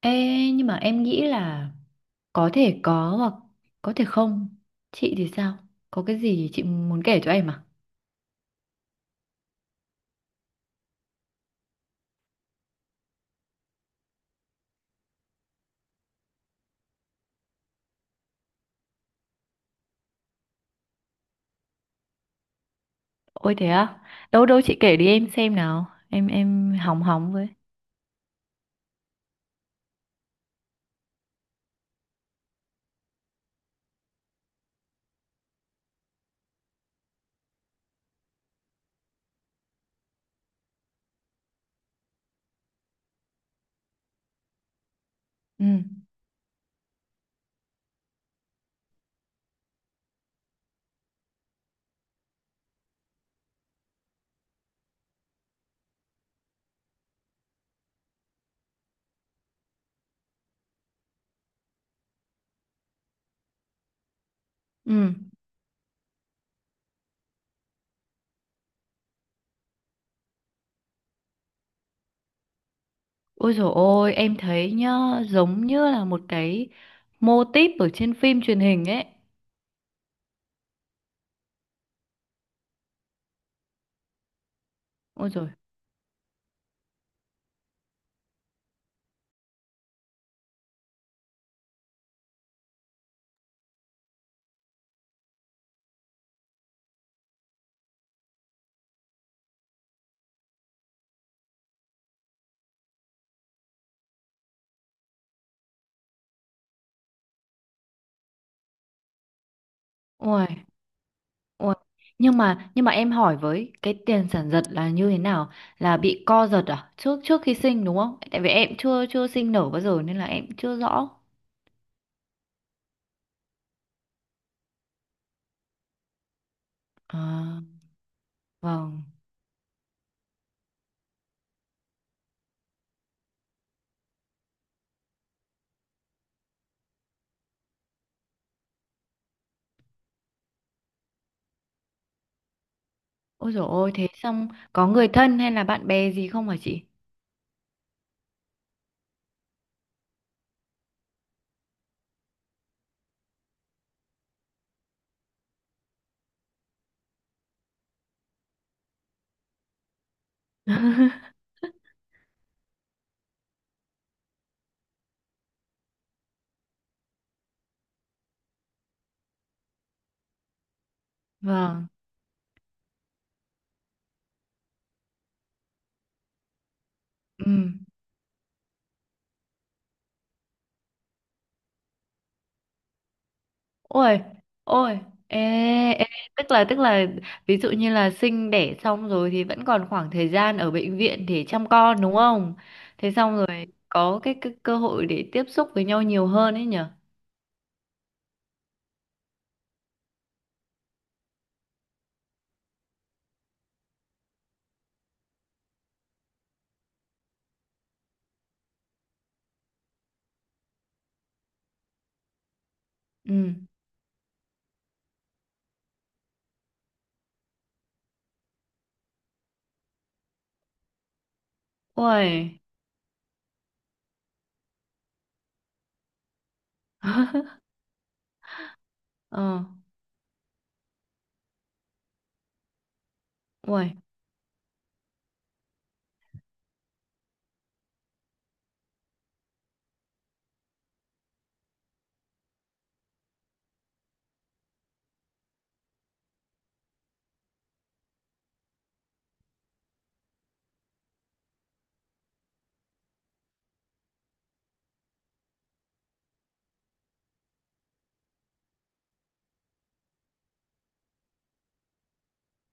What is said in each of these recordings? Ê, nhưng mà em nghĩ là có thể có hoặc có thể không. Chị thì sao? Có cái gì chị muốn kể cho em à? Ôi thế á? Đâu đâu chị kể đi em xem nào. Em hóng hóng với. Ừ. Ừ. Ôi dồi ôi, em thấy nhá, giống như là một cái mô típ ở trên phim truyền hình ấy. Ôi dồi. Ôi. Ôi, nhưng mà em hỏi với cái tiền sản giật là như thế nào? Là bị co giật à? Trước trước khi sinh đúng không? Tại vì em chưa chưa sinh nở bao giờ nên là em chưa rõ. À, vâng. Ôi dồi ôi thế xong có người thân hay là bạn bè gì không hả chị? Vâng. Ừ. Ôi, ôi, ê, ê, tức là ví dụ như là sinh đẻ xong rồi thì vẫn còn khoảng thời gian ở bệnh viện để chăm con đúng không? Thế xong rồi có cái cơ hội để tiếp xúc với nhau nhiều hơn ấy nhở? Ừ. Ôi, ờ, ôi.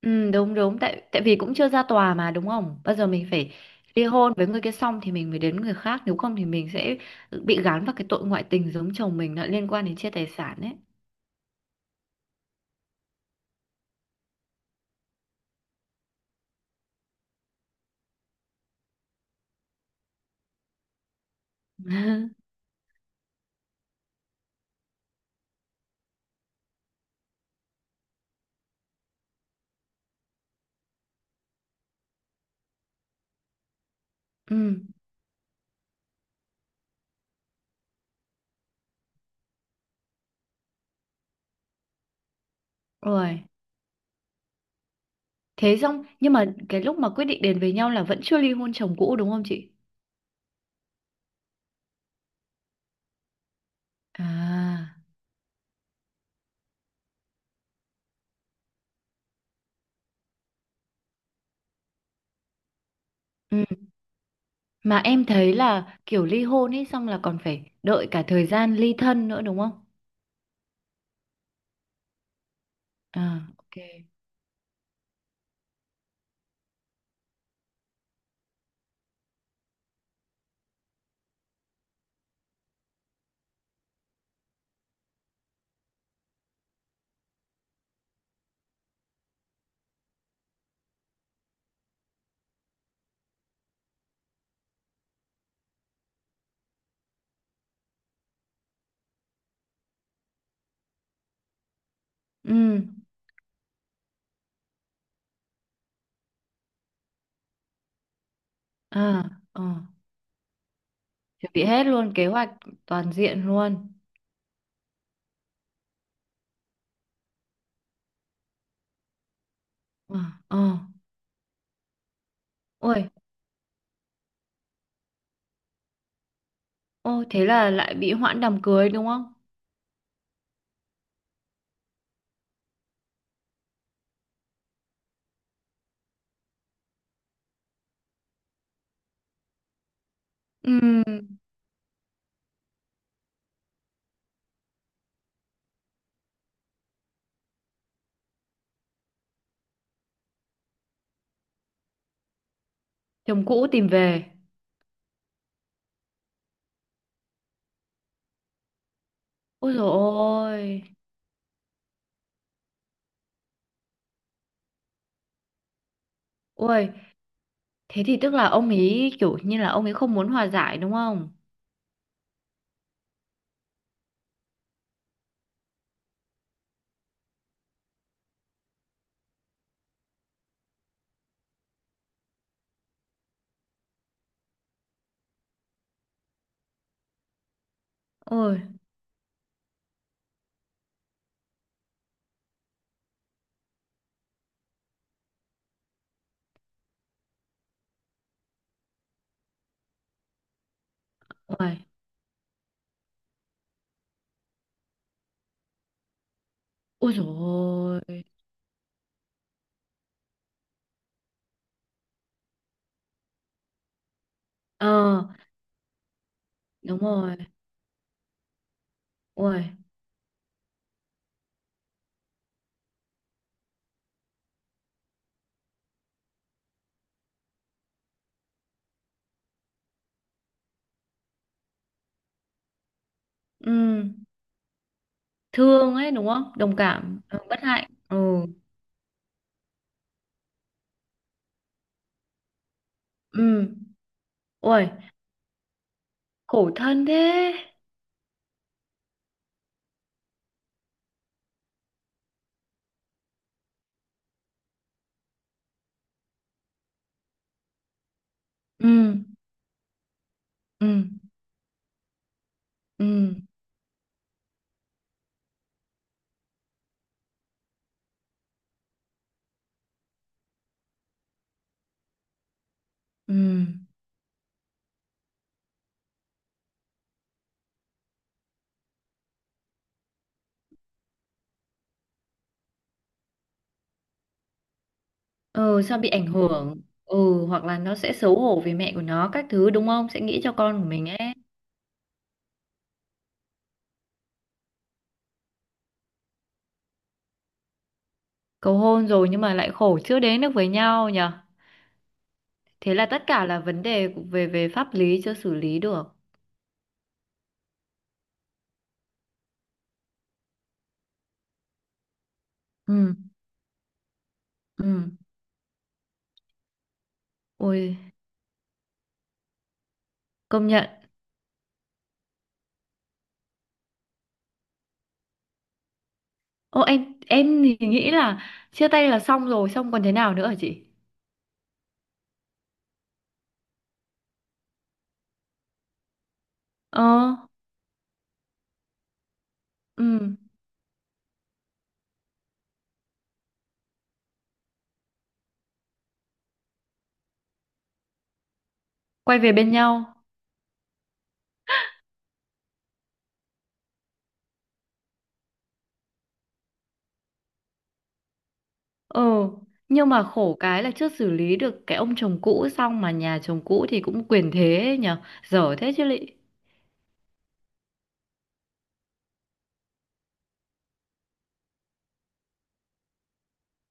Ừ, đúng đúng tại tại vì cũng chưa ra tòa mà đúng không? Bây giờ mình phải ly hôn với người kia xong thì mình mới đến người khác, nếu không thì mình sẽ bị gán vào cái tội ngoại tình giống chồng mình lại liên quan đến chia tài sản ấy. Ừ. Ôi. Thế xong, nhưng mà cái lúc mà quyết định đến với nhau là vẫn chưa ly hôn chồng cũ đúng không chị? À, ừ. Mà em thấy là kiểu ly hôn ấy xong là còn phải đợi cả thời gian ly thân nữa đúng không? À, ok. Ừ, à, ờ. Chuẩn bị hết luôn kế hoạch toàn diện luôn. Ờ, ờ. Ôi, ô thế là lại bị hoãn đám cưới đúng không? Ừ, chồng cũ tìm về. Ôi dồi ôi. Ôi, thế thì tức là ông ấy kiểu như là ông ấy không muốn hòa giải đúng không? Ôi, ôi, ôi dồi ôi. Ờ, đúng rồi, ôi, ừ, thương ấy đúng không? Đồng cảm, ờ, bất hạnh, ừ, ừ, ôi, khổ thân thế, ừ, ừ, ừ, ừ, ừ, sao bị ảnh hưởng, ừ, hoặc là nó sẽ xấu hổ vì mẹ của nó các thứ đúng không? Sẽ nghĩ cho con của mình ấy, cầu hôn rồi nhưng mà lại khổ chưa đến được với nhau nhở? Thế là tất cả là vấn đề về về pháp lý chưa xử lý được, ừ, ừ, ôi. Công nhận. Ô em thì nghĩ là chia tay là xong rồi, xong còn thế nào nữa hả chị? Ờ, ừ, quay về bên nhau. Ừ, nhưng mà khổ cái là chưa xử lý được cái ông chồng cũ xong mà nhà chồng cũ thì cũng quyền thế ấy nhở, dở thế chứ lị.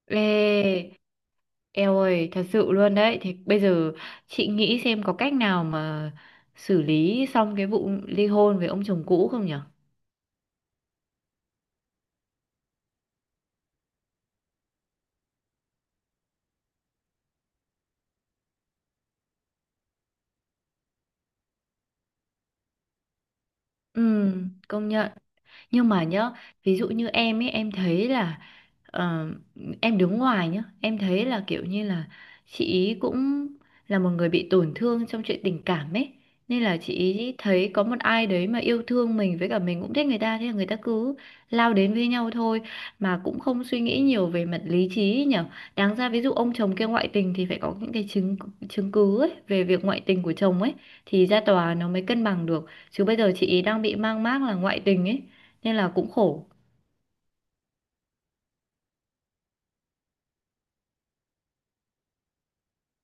Ê, eo ơi, thật sự luôn đấy. Thì bây giờ chị nghĩ xem có cách nào mà xử lý xong cái vụ ly hôn với ông chồng cũ không nhở? Ừ, công nhận. Nhưng mà nhá, ví dụ như em ấy em thấy là ờ, em đứng ngoài nhá em thấy là kiểu như là chị ý cũng là một người bị tổn thương trong chuyện tình cảm ấy, nên là chị ý thấy có một ai đấy mà yêu thương mình với cả mình cũng thích người ta, thế là người ta cứ lao đến với nhau thôi, mà cũng không suy nghĩ nhiều về mặt lý trí ấy nhở. Đáng ra ví dụ ông chồng kia ngoại tình thì phải có những cái chứng chứng cứ ấy về việc ngoại tình của chồng ấy, thì ra tòa nó mới cân bằng được, chứ bây giờ chị ý đang bị mang mác là ngoại tình ấy, nên là cũng khổ.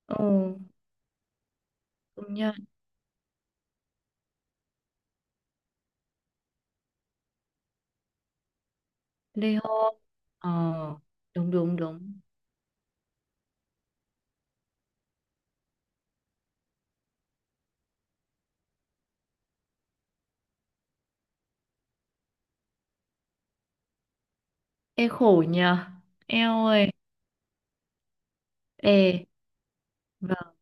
Ừ, công nhận. Ly hôn. Ờ, đúng đúng đúng. Ê khổ nhờ. Eo ơi. Ê. Vâng.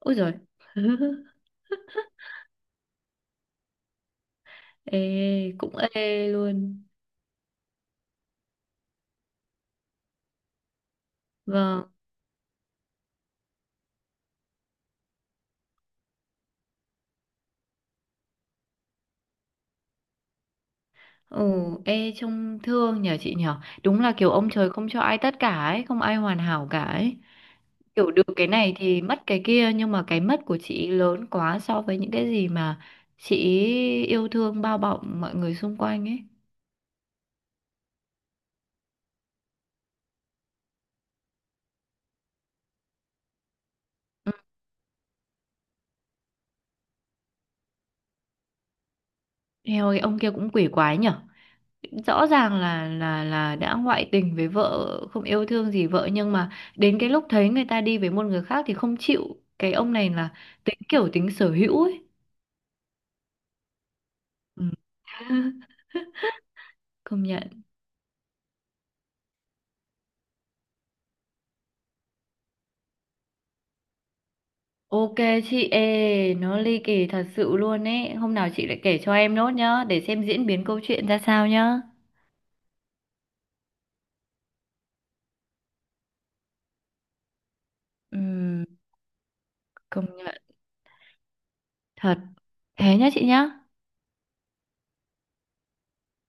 Ôi rồi. Ê, cũng ê luôn. Vâng. Ừ. Ê trông thương nhờ chị nhờ, đúng là kiểu ông trời không cho ai tất cả ấy, không ai hoàn hảo cả ấy. Kiểu được cái này thì mất cái kia, nhưng mà cái mất của chị lớn quá so với những cái gì mà chị yêu thương bao bọc mọi người xung quanh ấy. Ừ. Eo ơi ông kia cũng quỷ quái nhở. Rõ ràng là là đã ngoại tình với vợ, không yêu thương gì vợ, nhưng mà đến cái lúc thấy người ta đi với một người khác thì không chịu, cái ông này là tính kiểu tính sở hữu ấy. Ừ. Công nhận. Ok chị, ê nó ly kỳ thật sự luôn ấy, hôm nào chị lại kể cho em nốt nhá, để xem diễn biến câu chuyện ra sao nhá. Ừm, công nhận. Thật. Thế nhá chị nhá.